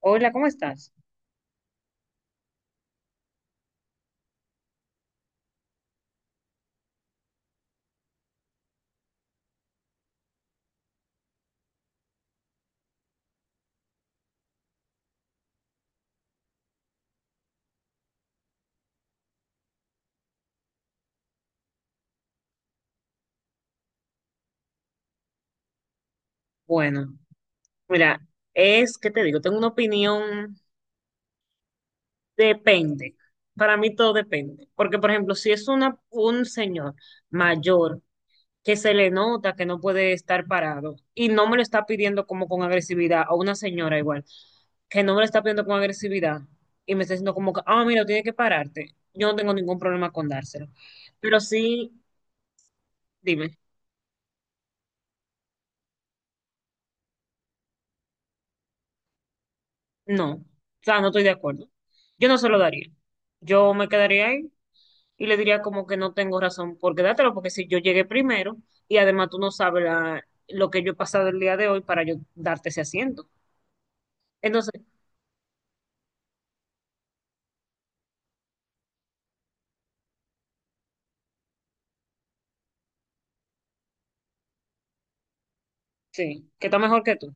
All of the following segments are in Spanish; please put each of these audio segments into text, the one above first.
Hola, ¿cómo estás? Bueno, mira, es que te digo, tengo una opinión, depende. Para mí todo depende. Porque, por ejemplo, si es un señor mayor que se le nota que no puede estar parado y no me lo está pidiendo como con agresividad, o una señora igual, que no me lo está pidiendo con agresividad y me está diciendo como que, ah, mira, tiene que pararte. Yo no tengo ningún problema con dárselo. Pero sí, dime, no, o sea, no estoy de acuerdo. Yo no se lo daría. Yo me quedaría ahí y le diría como que no tengo razón por quedártelo, porque si yo llegué primero y además tú no sabes lo que yo he pasado el día de hoy para yo darte ese asiento. Entonces, sí, que está mejor que tú.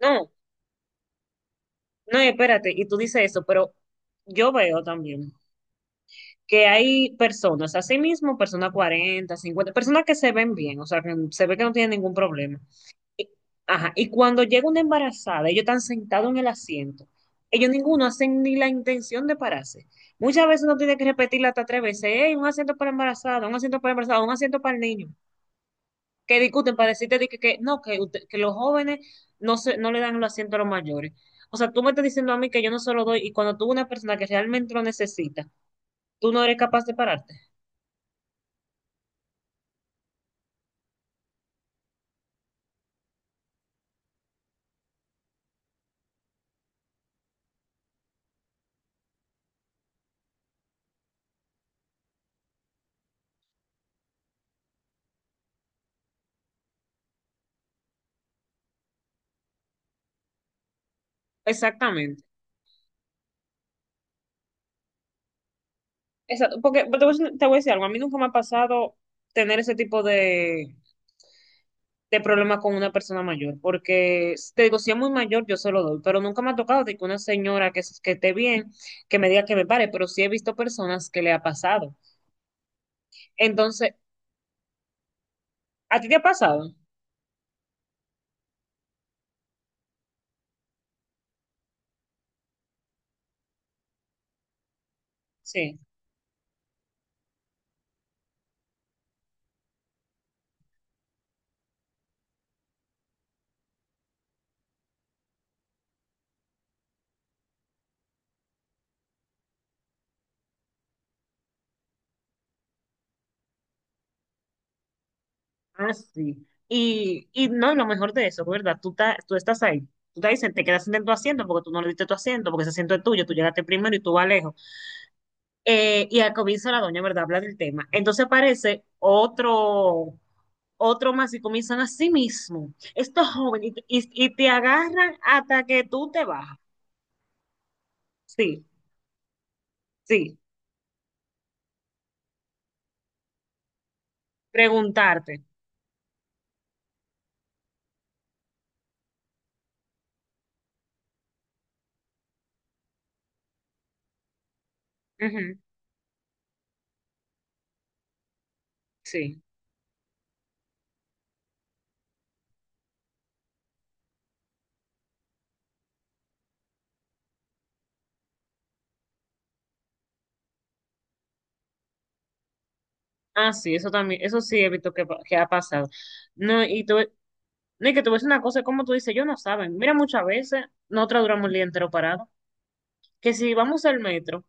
No, no, y espérate, y tú dices eso, pero yo veo también que hay personas, así mismo, personas 40 50 personas que se ven bien, o sea, que se ve que no tienen ningún problema. Y- Ajá, y cuando llega una embarazada, ellos están sentados en el asiento. Ellos ninguno hacen ni la intención de pararse. Muchas veces uno tiene que repetirla hasta tres veces. Hey, un asiento para embarazada, un asiento para embarazada, un asiento para el niño. Que discuten para decirte de que no, que, que los jóvenes no le dan los asientos a los mayores. O sea, tú me estás diciendo a mí que yo no se lo doy y cuando tú una persona que realmente lo necesita, tú no eres capaz de pararte. Exactamente. Exacto. Porque te voy a decir algo. A mí nunca me ha pasado tener ese tipo de problema con una persona mayor, porque te digo, si es muy mayor, yo se lo doy, pero nunca me ha tocado de que una señora que esté bien, que me diga que me pare, pero sí he visto personas que le ha pasado. Entonces, ¿a ti te ha pasado? Sí. Ah, sí. No, lo mejor de eso, ¿verdad? Tú, tú estás ahí. Tú te dicen, te quedas en tu asiento porque tú no le diste tu asiento, porque ese asiento es tuyo, tú llegaste primero y tú vas lejos. Y al comienzo la doña, ¿verdad? Habla del tema. Entonces aparece otro más y comienzan a sí mismo. Estos jóvenes, y te agarran hasta que tú te bajas. Sí, sí, preguntarte. Ujú, sí. Ah, sí, eso también, eso sí he visto que, que ha pasado. No, y tú, no, y que tú ves una cosa, como tú dices, yo no saben. Mira, muchas veces nosotros duramos el día entero parado. Que si vamos al metro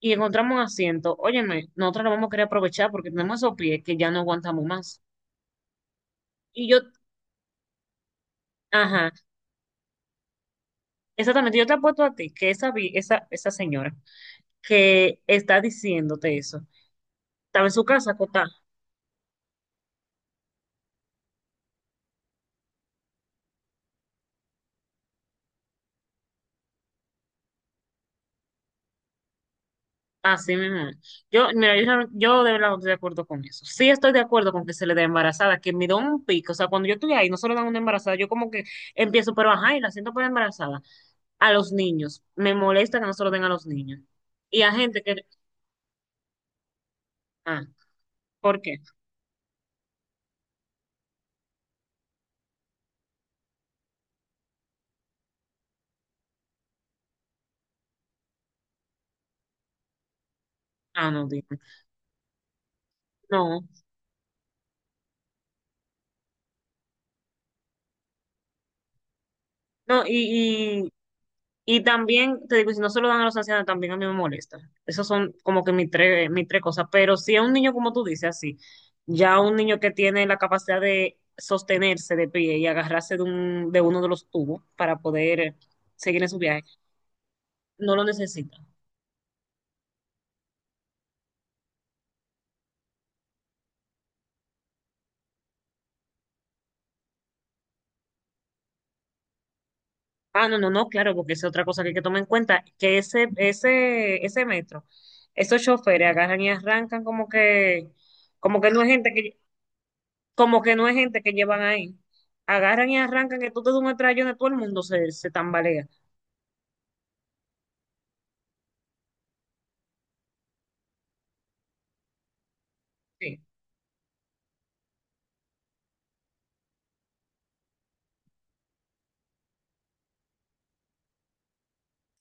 y encontramos un asiento, óyeme, nosotros lo vamos a querer aprovechar porque tenemos esos pies que ya no aguantamos más. Y yo, ajá, exactamente, yo te apuesto a ti que esa señora que está diciéndote eso. Estaba en su casa, acostada. Así mismo. Yo, mira, yo, yo de verdad no estoy de acuerdo con eso. Sí estoy de acuerdo con que se le dé embarazada, que me da un pico. O sea, cuando yo estoy ahí, no se le dan una embarazada. Yo como que empiezo, pero ajá, y la siento por embarazada. A los niños. Me molesta que no se lo den a los niños. Y a gente que... Ah, ¿por qué? Ah, no, dime. No, no, y, y también, te digo, y si no se lo dan a los ancianos, también a mí me molesta. Esas son como que mis tres cosas. Pero si a un niño, como tú dices, así, ya un niño que tiene la capacidad de sostenerse de pie y agarrarse de uno de los tubos para poder seguir en su viaje, no lo necesita. Ah, no, no, no, claro, porque esa es otra cosa que hay que tomar en cuenta, que ese metro, esos choferes agarran y arrancan como que no es gente que como que no es gente que llevan ahí. Agarran y arrancan, que tú te das un estrellón de todo el mundo se tambalea. Sí.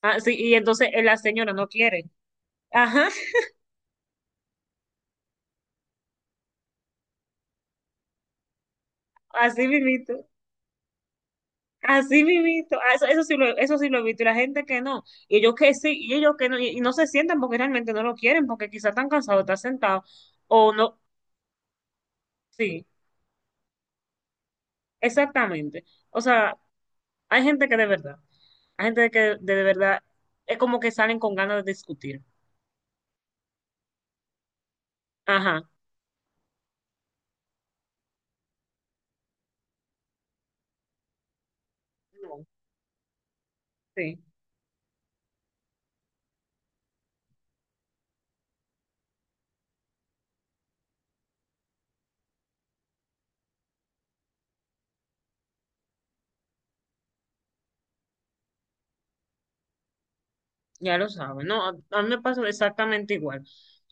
Ah, sí, y entonces la señora no quiere. Ajá, así mismito. Así mismito. Ah, eso, eso sí lo he visto. Y la gente que no. Y ellos que sí, y ellos que no. Y no se sientan porque realmente no lo quieren, porque quizás están cansados, están sentados. O no. Sí, exactamente. O sea, hay gente que de verdad. Hay gente que de verdad es como que salen con ganas de discutir. Ajá. No, sí. Ya lo saben, no, a mí me pasa exactamente igual.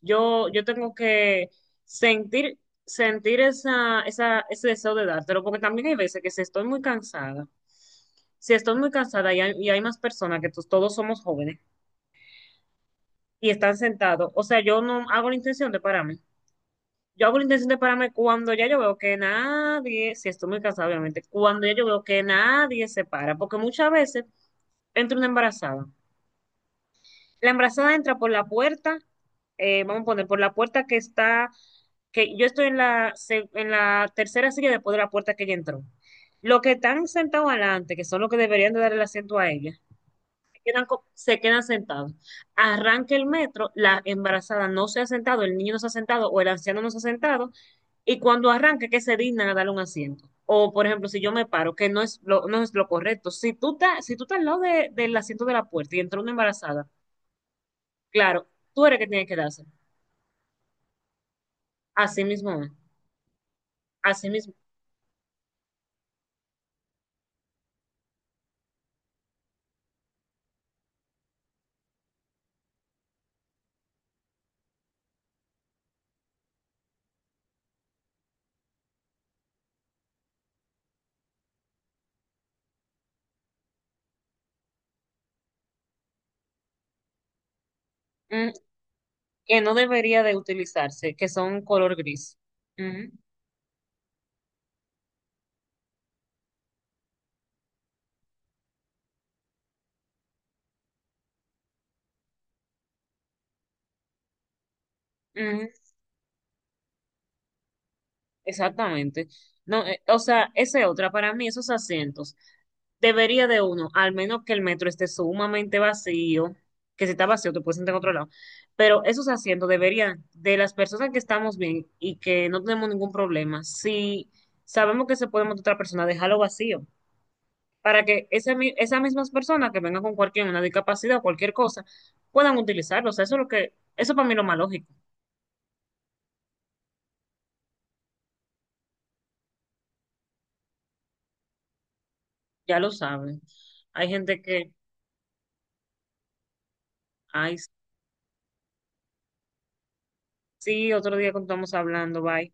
Yo tengo que sentir, sentir ese deseo de dártelo, porque también hay veces que si estoy muy cansada, si estoy muy cansada y hay más personas que todos somos jóvenes y están sentados, o sea, yo no hago la intención de pararme. Yo hago la intención de pararme cuando ya yo veo que nadie, si estoy muy cansada, obviamente, cuando ya yo veo que nadie se para, porque muchas veces entra una embarazada. La embarazada entra por la puerta, vamos a poner por la puerta que está, que yo estoy en en la tercera silla después de la puerta que ella entró. Los que están sentados adelante, que son los que deberían de dar el asiento a ella, se quedan sentados. Arranca el metro, la embarazada no se ha sentado, el niño no se ha sentado o el anciano no se ha sentado, y cuando arranque, que se dignan a darle un asiento. O, por ejemplo, si yo me paro, que no es lo correcto. Si tú estás al lado del asiento de la puerta y entró una embarazada. Claro, tú eres que tienes que darse. Así mismo, es. Así mismo. Mm, que no debería de utilizarse, que son color gris. Ujú, ujú, exactamente. No, o sea, esa es otra. Para mí, esos asientos, debería de uno, al menos que el metro esté sumamente vacío, que si está vacío te puedes sentar en otro lado. Pero esos asientos deberían, de las personas que estamos bien y que no tenemos ningún problema, si sabemos que se puede montar otra persona, dejarlo vacío. Para que esas mismas personas que vengan con cualquier una discapacidad o cualquier cosa puedan utilizarlo, o sea eso es lo que, eso para mí es lo más lógico, ya lo saben. Hay gente que, ay, sí, otro día cuando estamos hablando, bye.